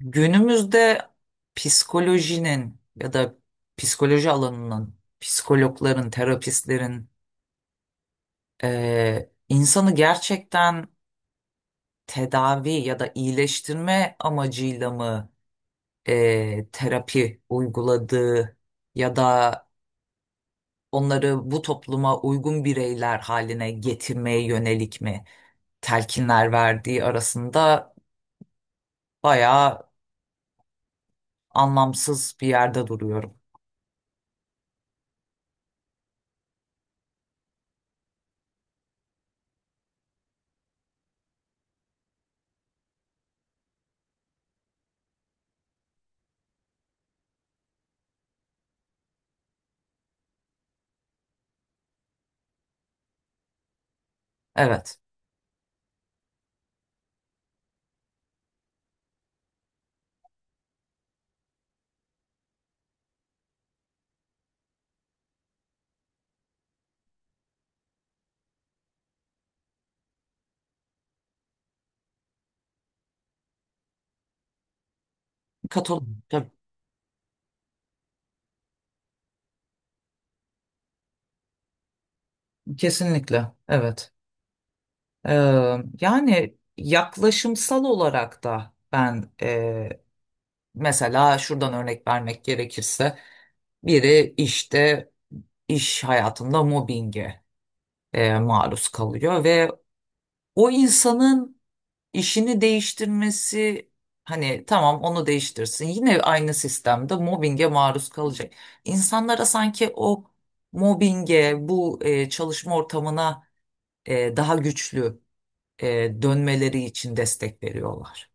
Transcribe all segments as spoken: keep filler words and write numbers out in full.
Günümüzde psikolojinin ya da psikoloji alanının, psikologların, terapistlerin eee, insanı gerçekten tedavi ya da iyileştirme amacıyla mı eee, terapi uyguladığı ya da onları bu topluma uygun bireyler haline getirmeye yönelik mi telkinler verdiği arasında bayağı anlamsız bir yerde duruyorum. Evet, katılıyorum. Kesinlikle, evet. Ee, yani yaklaşımsal olarak da ben e, mesela şuradan örnek vermek gerekirse biri işte iş hayatında mobbinge e, maruz kalıyor ve o insanın işini değiştirmesi hani tamam onu değiştirsin yine aynı sistemde mobbinge maruz kalacak. İnsanlara sanki o mobbinge bu e, çalışma ortamına e, daha güçlü e, dönmeleri için destek veriyorlar.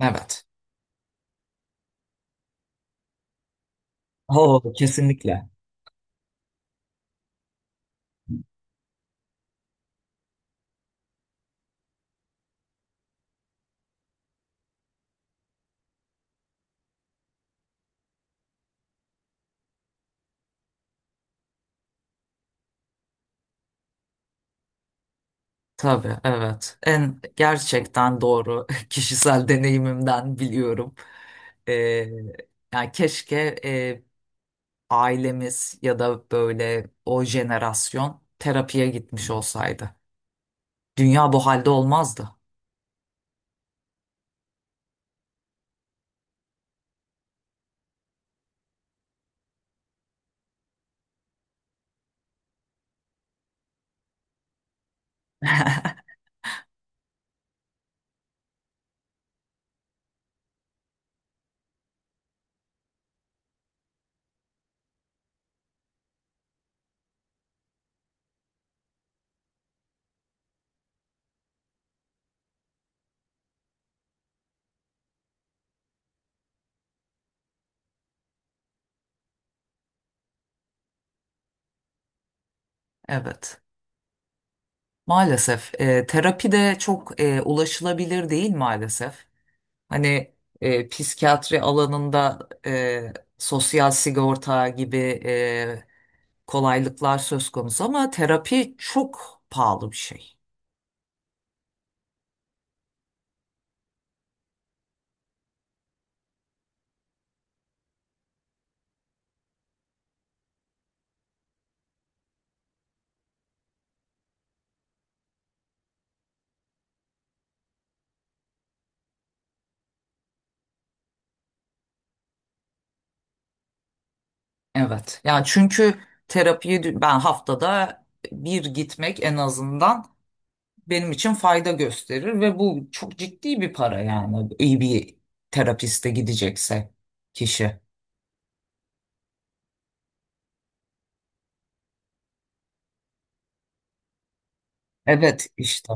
Evet. Oo, kesinlikle. Tabii, evet. En gerçekten doğru kişisel deneyimimden biliyorum. Ee, yani keşke ailemiz ya da böyle o jenerasyon terapiye gitmiş olsaydı. Dünya bu halde olmazdı. Evet. Maalesef e, terapi de çok e, ulaşılabilir değil maalesef. Hani e, psikiyatri alanında e, sosyal sigorta gibi e, kolaylıklar söz konusu ama terapi çok pahalı bir şey. Evet. Yani çünkü terapiyi dü- ben haftada bir gitmek en azından benim için fayda gösterir ve bu çok ciddi bir para yani iyi bir terapiste gidecekse kişi. Evet işte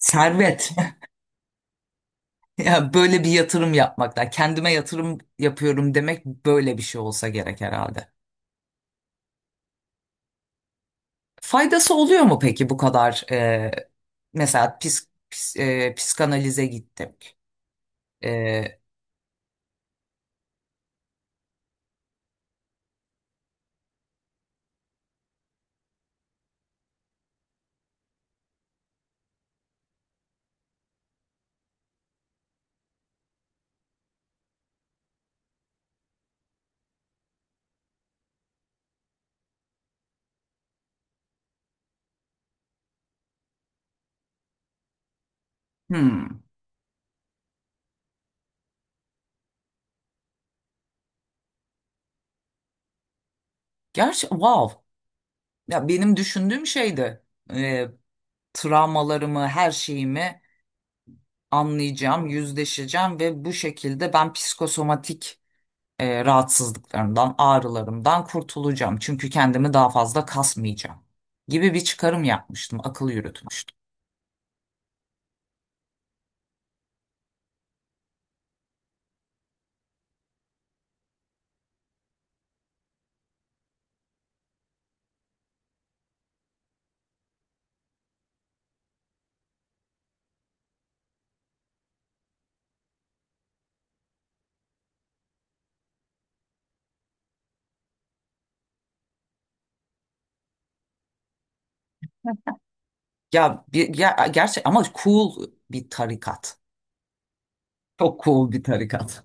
servet. Ya böyle bir yatırım yapmakla kendime yatırım yapıyorum demek böyle bir şey olsa gerek herhalde. Faydası oluyor mu peki bu kadar e, mesela pis, pis- e, psikanalize gittik. E, hmm, gerçi wow ya benim düşündüğüm şeydi, e, travmalarımı her şeyimi anlayacağım, yüzleşeceğim ve bu şekilde ben psikosomatik e, rahatsızlıklarımdan, ağrılarımdan kurtulacağım. Çünkü kendimi daha fazla kasmayacağım gibi bir çıkarım yapmıştım, akıl yürütmüştüm. Ya bir ya, gerçek ama cool bir tarikat. Çok cool bir tarikat.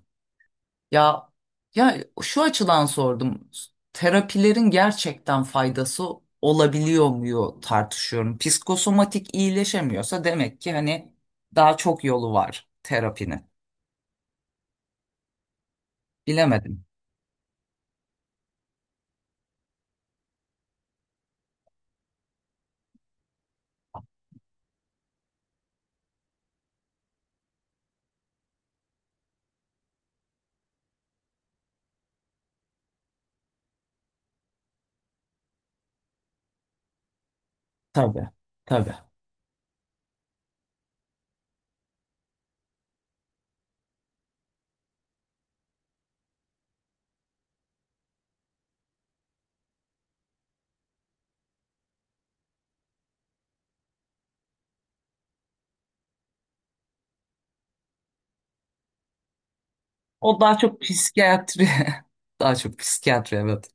Ya ya şu açıdan sordum. Terapilerin gerçekten faydası olabiliyor mu tartışıyorum. Psikosomatik iyileşemiyorsa demek ki hani daha çok yolu var terapinin. Bilemedim. Tabii. Tabii. O daha çok psikiyatri. Daha çok psikiyatri, evet.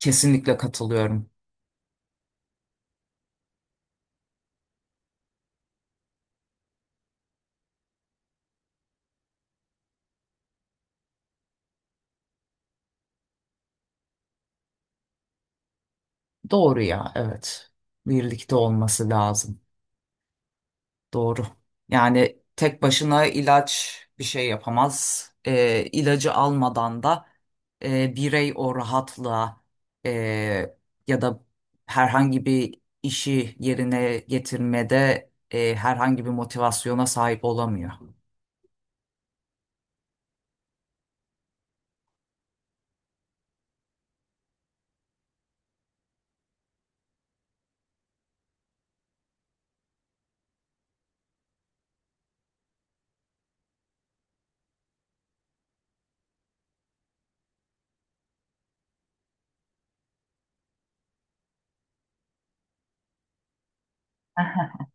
Kesinlikle katılıyorum. Doğru ya, evet. Birlikte olması lazım. Doğru. Yani tek başına ilaç bir şey yapamaz. Ee, ilacı almadan da e, birey o rahatlığa e, ya da herhangi bir işi yerine getirmede e, herhangi bir motivasyona sahip olamıyor.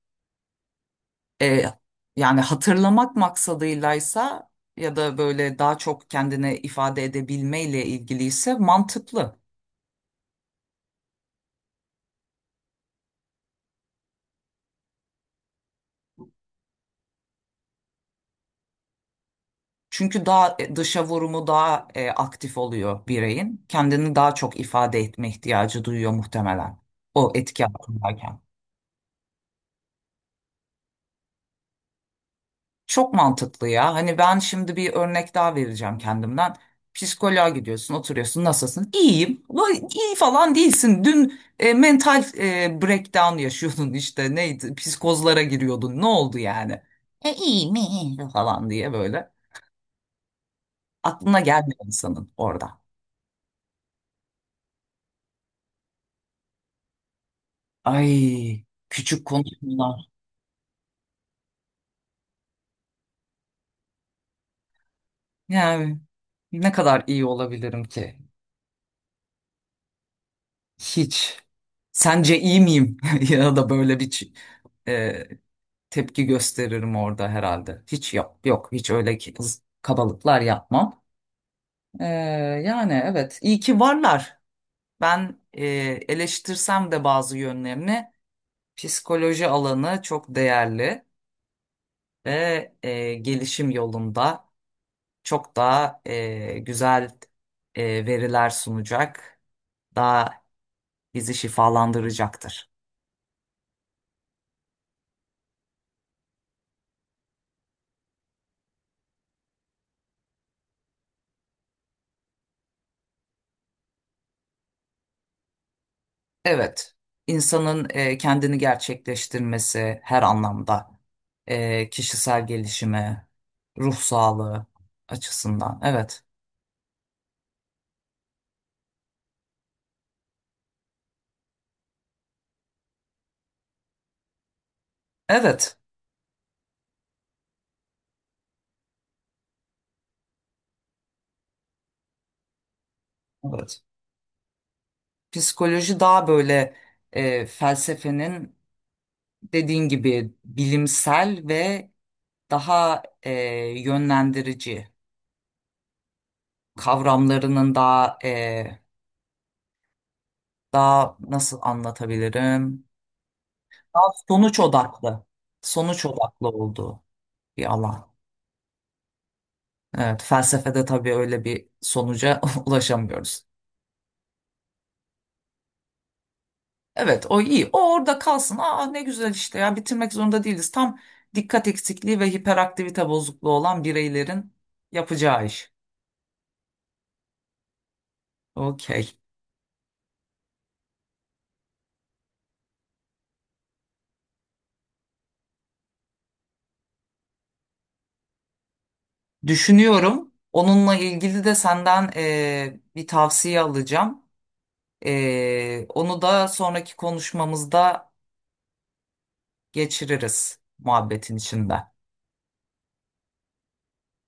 E, yani hatırlamak maksadıylaysa ya da böyle daha çok kendine ifade edebilmeyle ilgiliyse mantıklı. Çünkü daha e, dışa vurumu daha e, aktif oluyor bireyin. Kendini daha çok ifade etme ihtiyacı duyuyor muhtemelen o etki altındayken. Çok mantıklı ya. Hani ben şimdi bir örnek daha vereceğim kendimden. Psikoloğa gidiyorsun, oturuyorsun. Nasılsın? İyiyim. Vay, iyi falan değilsin. Dün e, mental e, breakdown yaşıyordun işte. Neydi? Psikozlara giriyordun. Ne oldu yani? E, iyi mi? Falan diye böyle. Aklına gelmiyor insanın orada. Ay küçük konuşmalar. Yani ne kadar iyi olabilirim ki? Hiç. Sence iyi miyim? Ya da böyle bir ç- e, tepki gösteririm orada herhalde. Hiç yok, yok hiç öyle, ki kız- kabalıklar yapmam. Ee, yani evet iyi ki varlar. Ben e, eleştirsem de bazı yönlerini, psikoloji alanı çok değerli ve e, gelişim yolunda çok daha e, güzel e, veriler sunacak. Daha bizi şifalandıracaktır. Evet, insanın e, kendini gerçekleştirmesi her anlamda, e, kişisel gelişimi, ruh sağlığı açısından. Evet, evet, evet. Psikoloji daha böyle e, felsefenin dediğin gibi bilimsel ve daha e, yönlendirici kavramlarının daha e, daha nasıl anlatabilirim? Daha sonuç odaklı, sonuç odaklı olduğu bir alan. Evet, felsefede tabii öyle bir sonuca ulaşamıyoruz. Evet, o iyi. O orada kalsın. Aa ne güzel işte ya, bitirmek zorunda değiliz. Tam dikkat eksikliği ve hiperaktivite bozukluğu olan bireylerin yapacağı iş. Okey. Düşünüyorum. Onunla ilgili de senden eee, bir tavsiye alacağım. Eee, onu da sonraki konuşmamızda geçiririz muhabbetin içinde.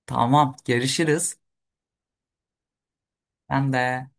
Tamam, görüşürüz. Ben de.